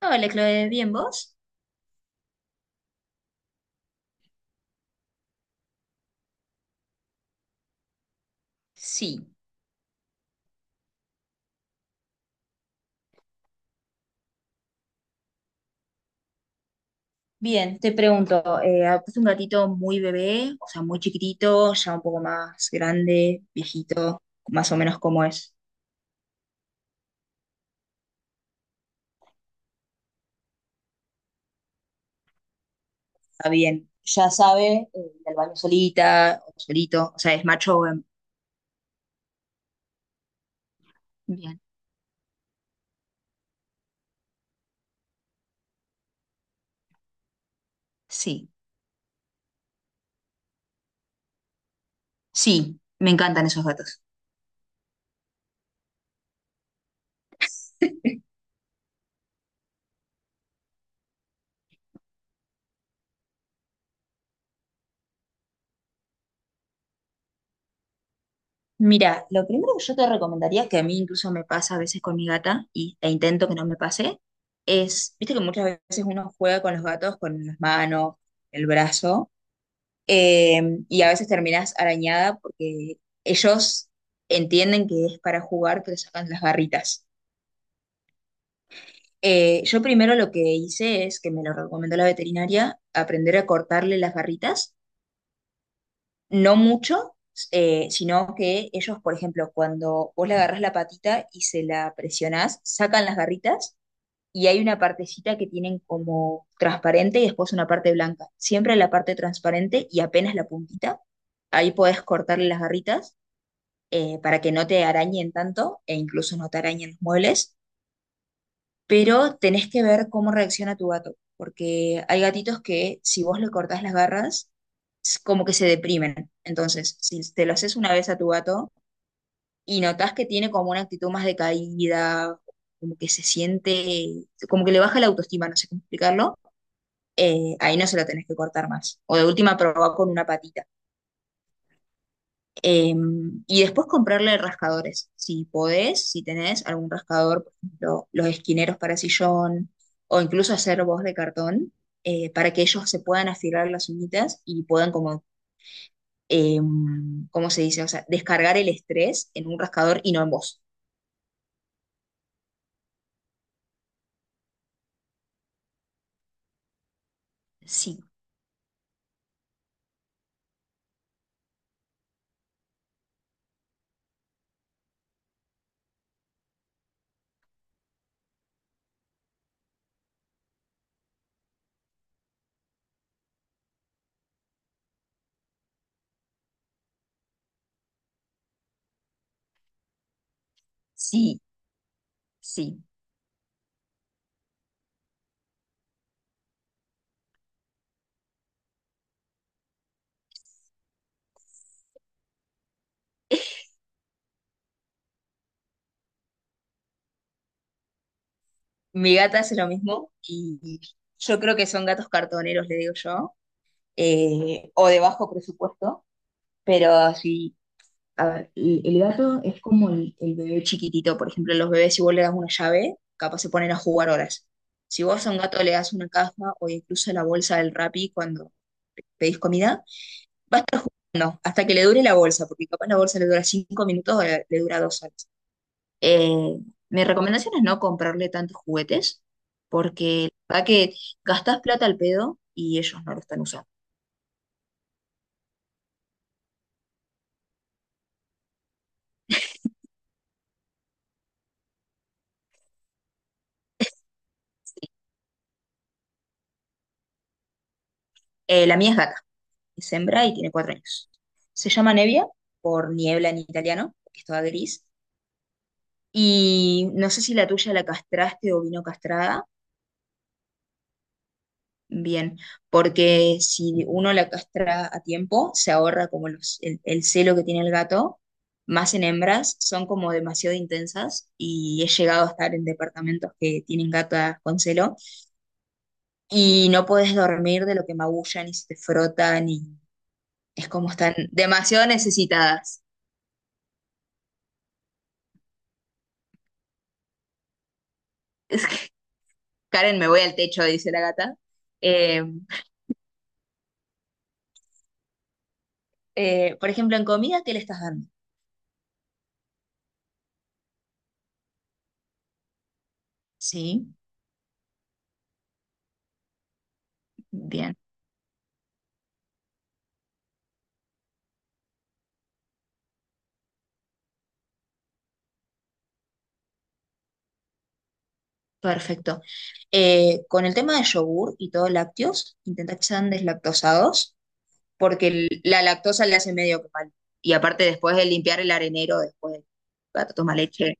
Hola, Chloe, ¿bien vos? Sí, bien, te pregunto, ¿adoptaste un gatito muy bebé, o sea, muy chiquitito, ya un poco más grande, viejito, más o menos cómo es? Está bien, ya sabe, ir al baño solita o solito, o sea, es macho o hembra. Bien, sí, sí, me encantan esos gatos. Mira, lo primero que yo te recomendaría, que a mí incluso me pasa a veces con mi gata, e intento que no me pase, es, viste que muchas veces uno juega con los gatos con las manos, el brazo. Eh, y a veces terminas arañada porque ellos entienden que es para jugar, pero sacan las barritas. Yo primero lo que hice es, que me lo recomendó la veterinaria, aprender a cortarle las barritas, no mucho, sino que ellos, por ejemplo, cuando vos le agarrás la patita y se la presionás, sacan las garritas y hay una partecita que tienen como transparente y después una parte blanca. Siempre la parte transparente y apenas la puntita, ahí podés cortarle las garritas para que no te arañen tanto e incluso no te arañen los muebles, pero tenés que ver cómo reacciona tu gato, porque hay gatitos que si vos le cortás las garras, es como que se deprimen. Entonces, si te lo haces una vez a tu gato y notás que tiene como una actitud más decaída, como que se siente, como que le baja la autoestima, no sé cómo explicarlo, ahí no se lo tenés que cortar más. O de última, probá con una patita. Eh, y después comprarle rascadores, si podés, si tenés algún rascador, por ejemplo, los esquineros para sillón, o incluso hacer voz de cartón, para que ellos se puedan afilar las uñitas y puedan como, eh, ¿cómo se dice? O sea, descargar el estrés en un rascador y no en vos. Sí, sí, sí. Mi gata hace lo mismo y yo creo que son gatos cartoneros, le digo yo, o de bajo presupuesto, pero si. A ver, el gato es como el bebé chiquitito. Por ejemplo, los bebés, si vos le das una llave, capaz se ponen a jugar horas. Si vos a un gato le das una caja o incluso la bolsa del Rappi cuando pedís comida, va a estar jugando hasta que le dure la bolsa, porque capaz la bolsa le dura 5 minutos o le dura 2 horas. Eh, Mi recomendación es no comprarle tantos juguetes, porque la verdad que gastás plata al pedo y ellos no lo están usando. La mía es gata. Es hembra y tiene 4 años. Se llama Nevia, por niebla en italiano, que es toda gris. Y no sé si la tuya la castraste o vino castrada. Bien, porque si uno la castra a tiempo, se ahorra como el celo que tiene el gato, más en hembras, son como demasiado intensas y he llegado a estar en departamentos que tienen gatas con celo y no puedes dormir de lo que magullan y se te frotan y es como están demasiado necesitadas. Karen, me voy al techo, dice la gata. Eh, por ejemplo, en comida, ¿qué le estás dando? Sí, bien, perfecto. Con el tema de yogur y todo lácteos, intenta que sean deslactosados, porque la lactosa le hace medio que mal. Y aparte, después de limpiar el arenero, después el gato toma leche,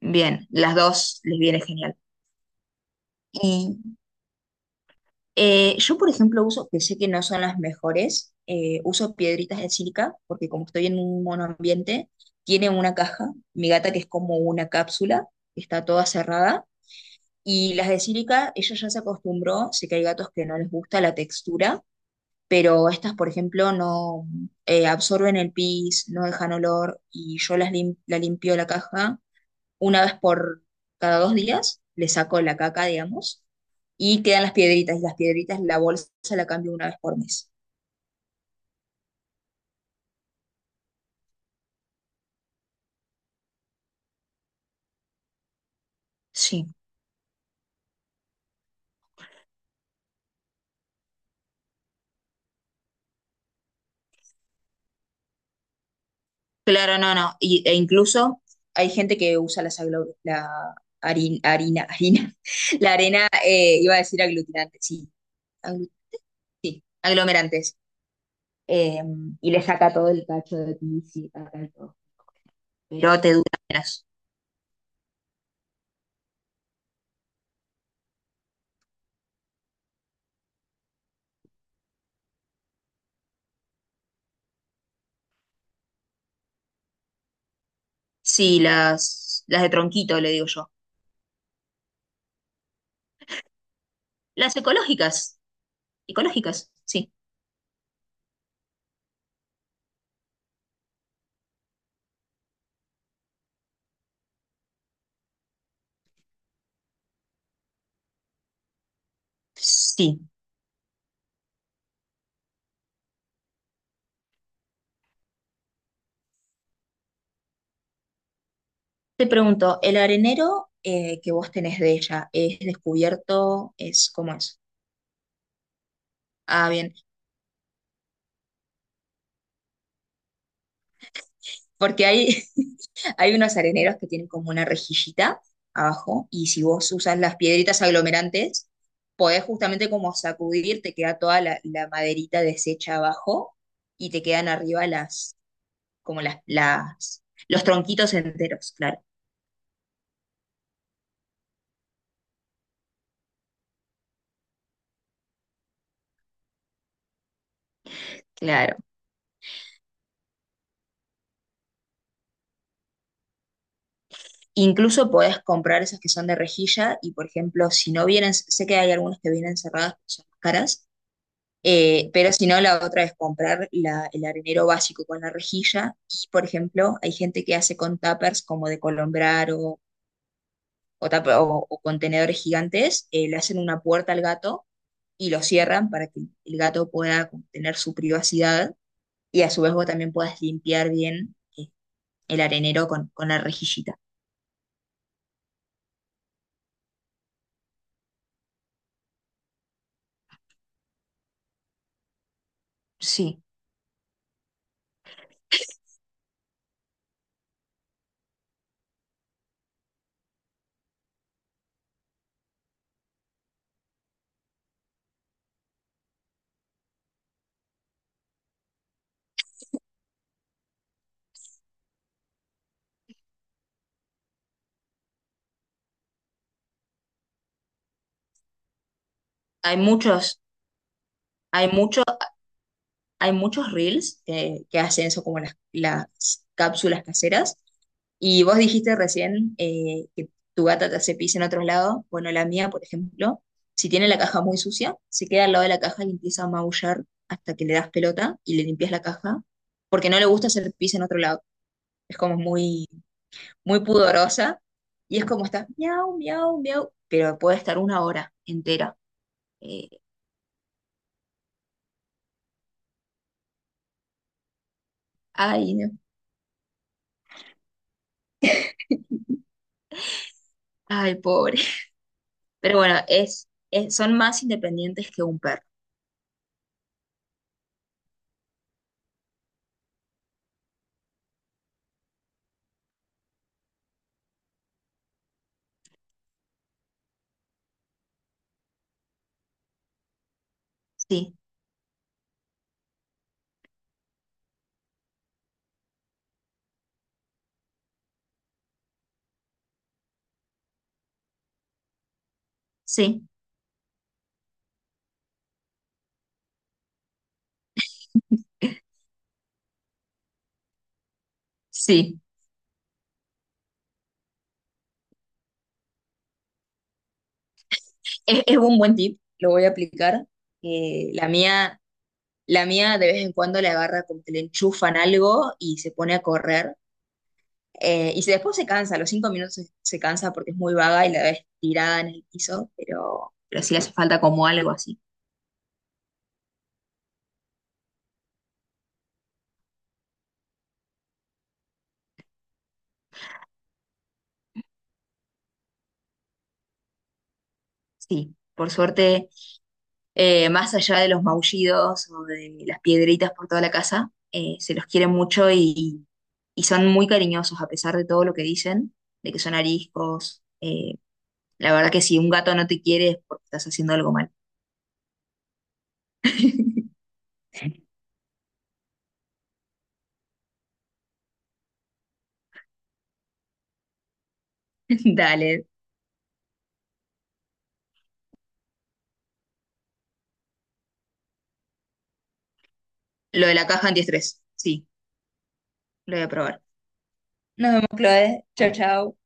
bien, las dos les viene genial. Y yo, por ejemplo, uso, que sé que no son las mejores, uso piedritas de sílica, porque como estoy en un monoambiente, tiene una caja, mi gata que es como una cápsula, está toda cerrada, y las de sílica, ella ya se acostumbró, sé que hay gatos que no les gusta la textura, pero estas, por ejemplo, no absorben el pis, no dejan olor, y yo la limpio la caja una vez por cada 2 días, le saco la caca, digamos, y quedan las piedritas, y las piedritas, la bolsa la cambio una vez por mes. Sí, claro, no, no, e incluso hay gente que usa la harina, la arena, iba a decir aglutinante, sí, aglu- sí, aglomerantes, eh, y le saca todo el cacho de aquí, sí, acá y todo. Pero te duras. Sí, las de tronquito, le digo yo. Las ecológicas, ecológicas, sí. Sí. Te pregunto, ¿el arenero que vos tenés de ella es descubierto? ¿Es cómo es? Ah, bien. Porque hay unos areneros que tienen como una rejillita abajo y si vos usas las piedritas aglomerantes, podés justamente como sacudir, te queda toda la maderita deshecha abajo y te quedan arriba las, como las, los tronquitos enteros, claro. Incluso podés comprar esas que son de rejilla y, por ejemplo, si no vienen, sé que hay algunas que vienen cerradas, que son más caras, pero si no, la otra es comprar el arenero básico con la rejilla y, por ejemplo, hay gente que hace con tuppers como de colombrar o contenedores gigantes, le hacen una puerta al gato y lo cierran para que el gato pueda como tener su privacidad y a su vez vos también puedas limpiar bien el arenero con la rejillita. Sí, hay muchos. Hay muchos hay muchos reels que hacen eso como las cápsulas caseras. Y vos dijiste recién que tu gata te hace pis en otro lado. Bueno, la mía, por ejemplo, si tiene la caja muy sucia, se queda al lado de la caja y empieza a maullar hasta que le das pelota y le limpias la caja, porque no le gusta hacer pis en otro lado. Es como muy, muy pudorosa y es como está, miau, miau, miau, pero puede estar una hora entera. Eh, Ay, no, ay, pobre. Pero bueno, son más independientes que un perro. Sí, sí, sí. Es un buen tip, lo voy a aplicar. Eh, la mía, la mía de vez en cuando le agarra como que le enchufan algo y se pone a correr. Y después se cansa, a los 5 minutos se cansa porque es muy vaga y la ves tirada en el piso, pero sí le hace falta como algo así. Sí, por suerte más allá de los maullidos o de las piedritas por toda la casa, se los quiere mucho y, son muy cariñosos a pesar de todo lo que dicen, de que son ariscos. La verdad que si un gato no te quiere es porque estás haciendo algo mal. Dale, lo de la caja antiestrés, sí, lo voy a probar. Nos vemos, Chloe. Chao, chao.